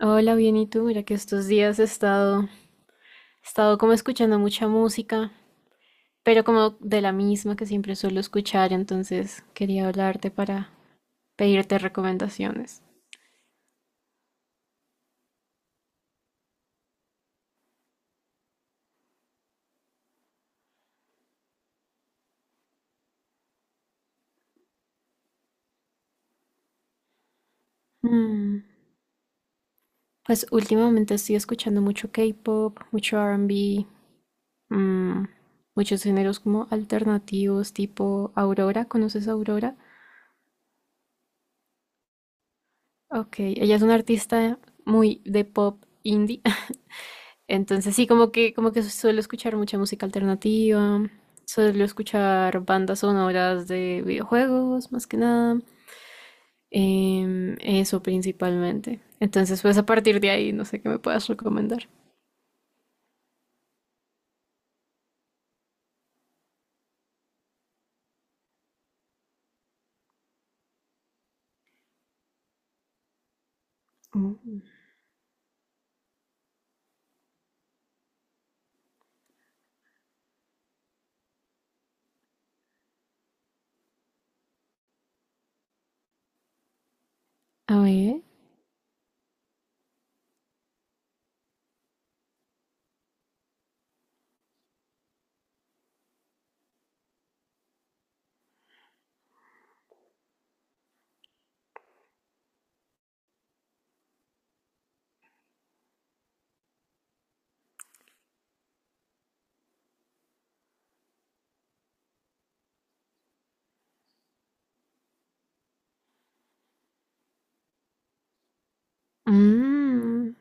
Hola, bien, ¿y tú? Mira que estos días he estado como escuchando mucha música, pero como de la misma que siempre suelo escuchar, entonces quería hablarte para pedirte recomendaciones. Mm, Pues últimamente estoy escuchando mucho K-pop, mucho R&B, mm, muchos géneros como alternativos, tipo Aurora. ¿Conoces a Aurora? Ok, ella es una artista muy de pop indie. Entonces sí, como que suelo escuchar mucha música alternativa, suelo escuchar bandas sonoras de videojuegos, más que nada. Eso principalmente. Entonces, pues a partir de ahí, no sé qué me puedas recomendar. Mm. A ver. Mm,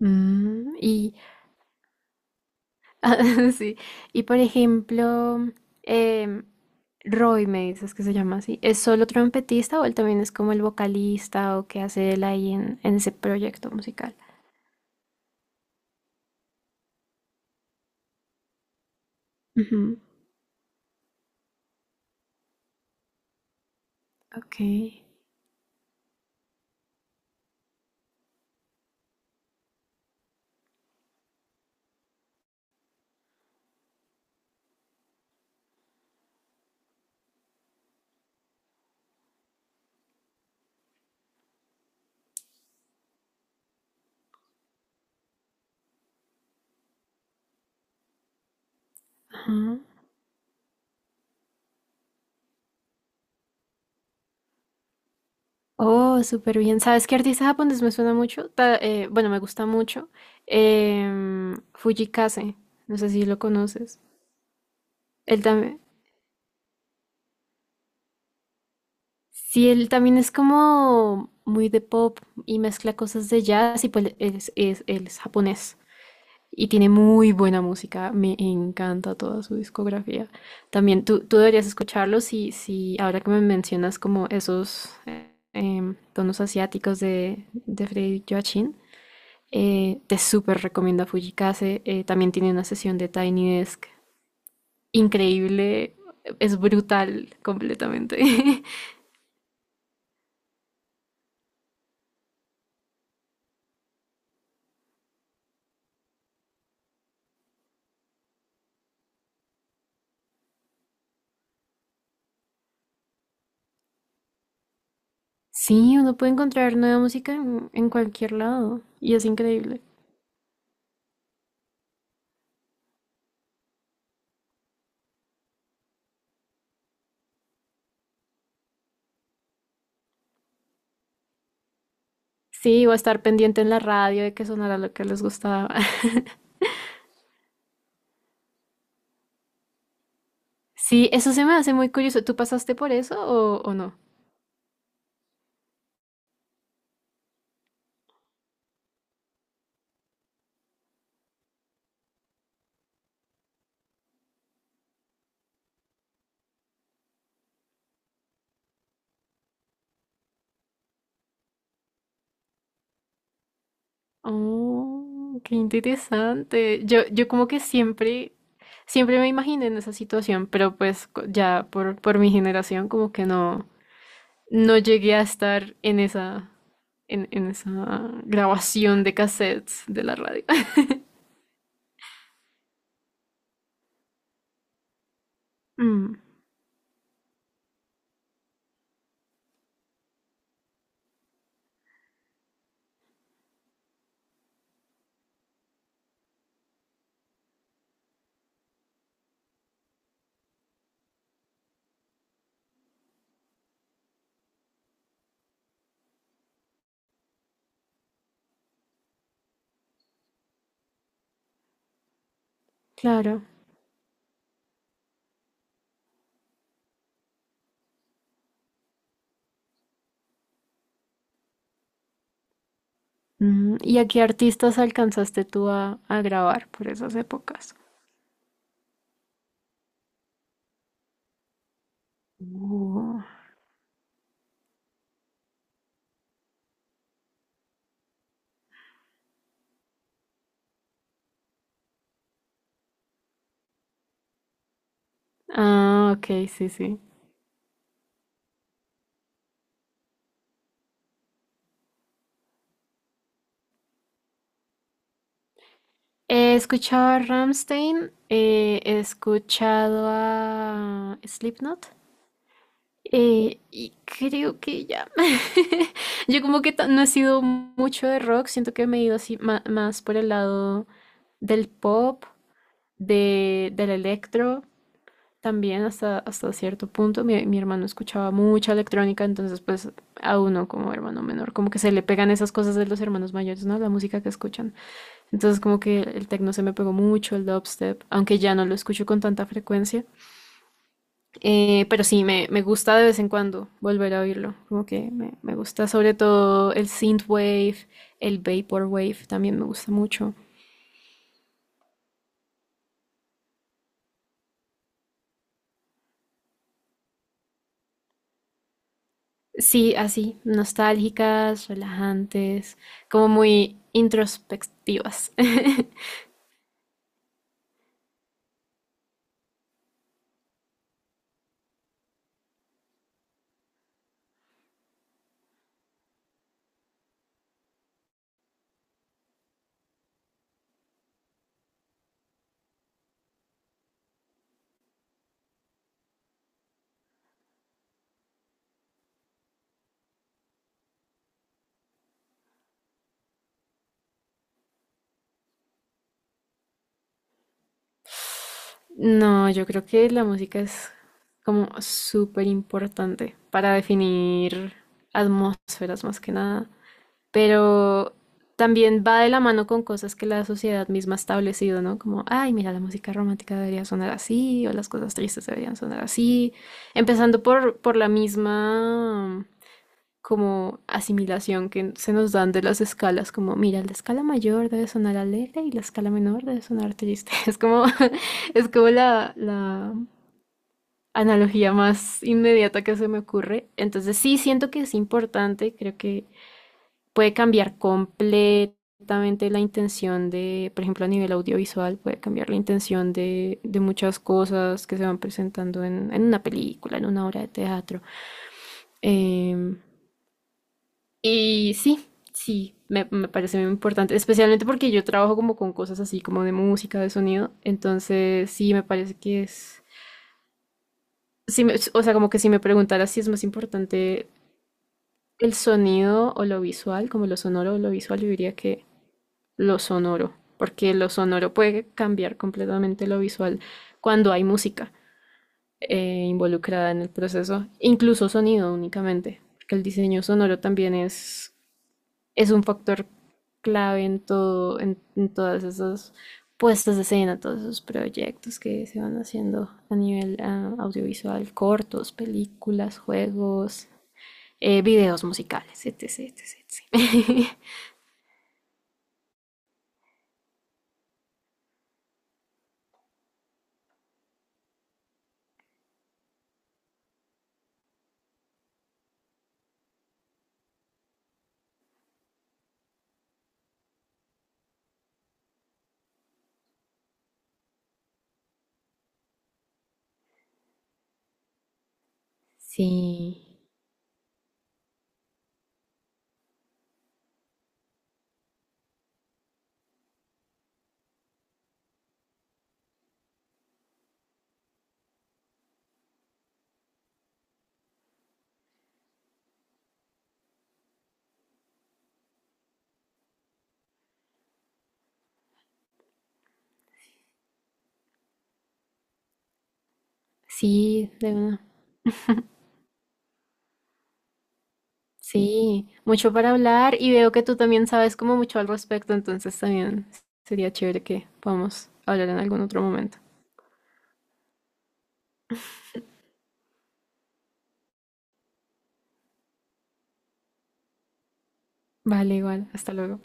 mm, y ah, sí. Y por ejemplo, em, Roy me dices que se llama así. ¿Es solo trompetista o él también es como el vocalista o qué hace él ahí en ese proyecto musical? Ujú. Ok. Ajá. Oh, súper bien. ¿Sabes qué artista japonés me suena mucho? Bueno, me gusta mucho. Fujikase. No sé si lo conoces. Él también. Sí, él también es como muy de pop y mezcla cosas de jazz y pues él es japonés. Y tiene muy buena música, me encanta toda su discografía. También tú deberías escucharlo si, si ahora que me mencionas como esos tonos asiáticos de Freddy Joachim, te súper recomiendo a Fujikase. También tiene una sesión de Tiny Desk increíble, es brutal completamente. Sí, uno puede encontrar nueva música en cualquier lado y es increíble. Sí, o estar pendiente en la radio de que sonara lo que les gustaba. Sí, eso se me hace muy curioso. ¿Tú pasaste por eso o no? Oh, qué interesante. Yo como que siempre, siempre me imaginé en esa situación, pero pues por mi generación como que no, no llegué a estar en esa grabación de cassettes de la radio. Mm, claro. Mm, ¿y a qué artistas alcanzaste tú a grabar por esas épocas? Oh. Ah, ok, sí, sí. He escuchado a Rammstein, he escuchado a Slipknot y creo que ya. Yo como que ta- No he sido mucho de rock, siento que me he ido así más por el lado del pop, del electro, también hasta, hasta cierto punto. Mi hermano escuchaba mucha electrónica, entonces pues a uno como hermano menor, como que se le pegan esas cosas de los hermanos mayores, ¿no? La música que escuchan. Entonces como que el techno se me pegó mucho, el dubstep, aunque ya no lo escucho con tanta frecuencia. Pero sí, me gusta de vez en cuando volver a oírlo. Me gusta sobre todo el synthwave, el vaporwave también me gusta mucho. Sí, así, nostálgicas, relajantes, como muy introspectivas. No, yo creo que la música es como súper importante para definir atmósferas más que nada, pero también va de la mano con cosas que la sociedad misma ha establecido, ¿no? Como, ay, mira, la música romántica debería sonar así, o las cosas tristes deberían sonar así, empezando por la misma como asimilación que se nos dan de las escalas, como, mira, la escala mayor debe sonar alegre y la escala menor debe sonar triste. Es como, es como la analogía más inmediata que se me ocurre. Entonces sí, siento que es importante, creo que puede cambiar completamente la intención de, por ejemplo, a nivel audiovisual, puede cambiar la intención de muchas cosas que se van presentando en una película, en una obra de teatro. Em, y sí, sí, me parece muy importante, especialmente porque yo trabajo como con cosas así, como de música, de sonido, entonces sí, me parece que sí o sea, como que si me preguntaras si es más importante el sonido o lo visual, como lo sonoro o lo visual, yo diría que lo sonoro, porque lo sonoro puede cambiar completamente lo visual cuando hay música involucrada en el proceso, incluso sonido únicamente, porque el diseño sonoro también es un factor clave en todo, en todas esas puestas de escena, todos esos proyectos que se van haciendo a nivel audiovisual, cortos, películas, juegos, videos musicales, etc, etc, etc. Sí, sí, de verdad. Sí, mucho para hablar y veo que tú también sabes como mucho al respecto, entonces también sería chévere que podamos hablar en algún otro momento. Vale, igual, hasta luego.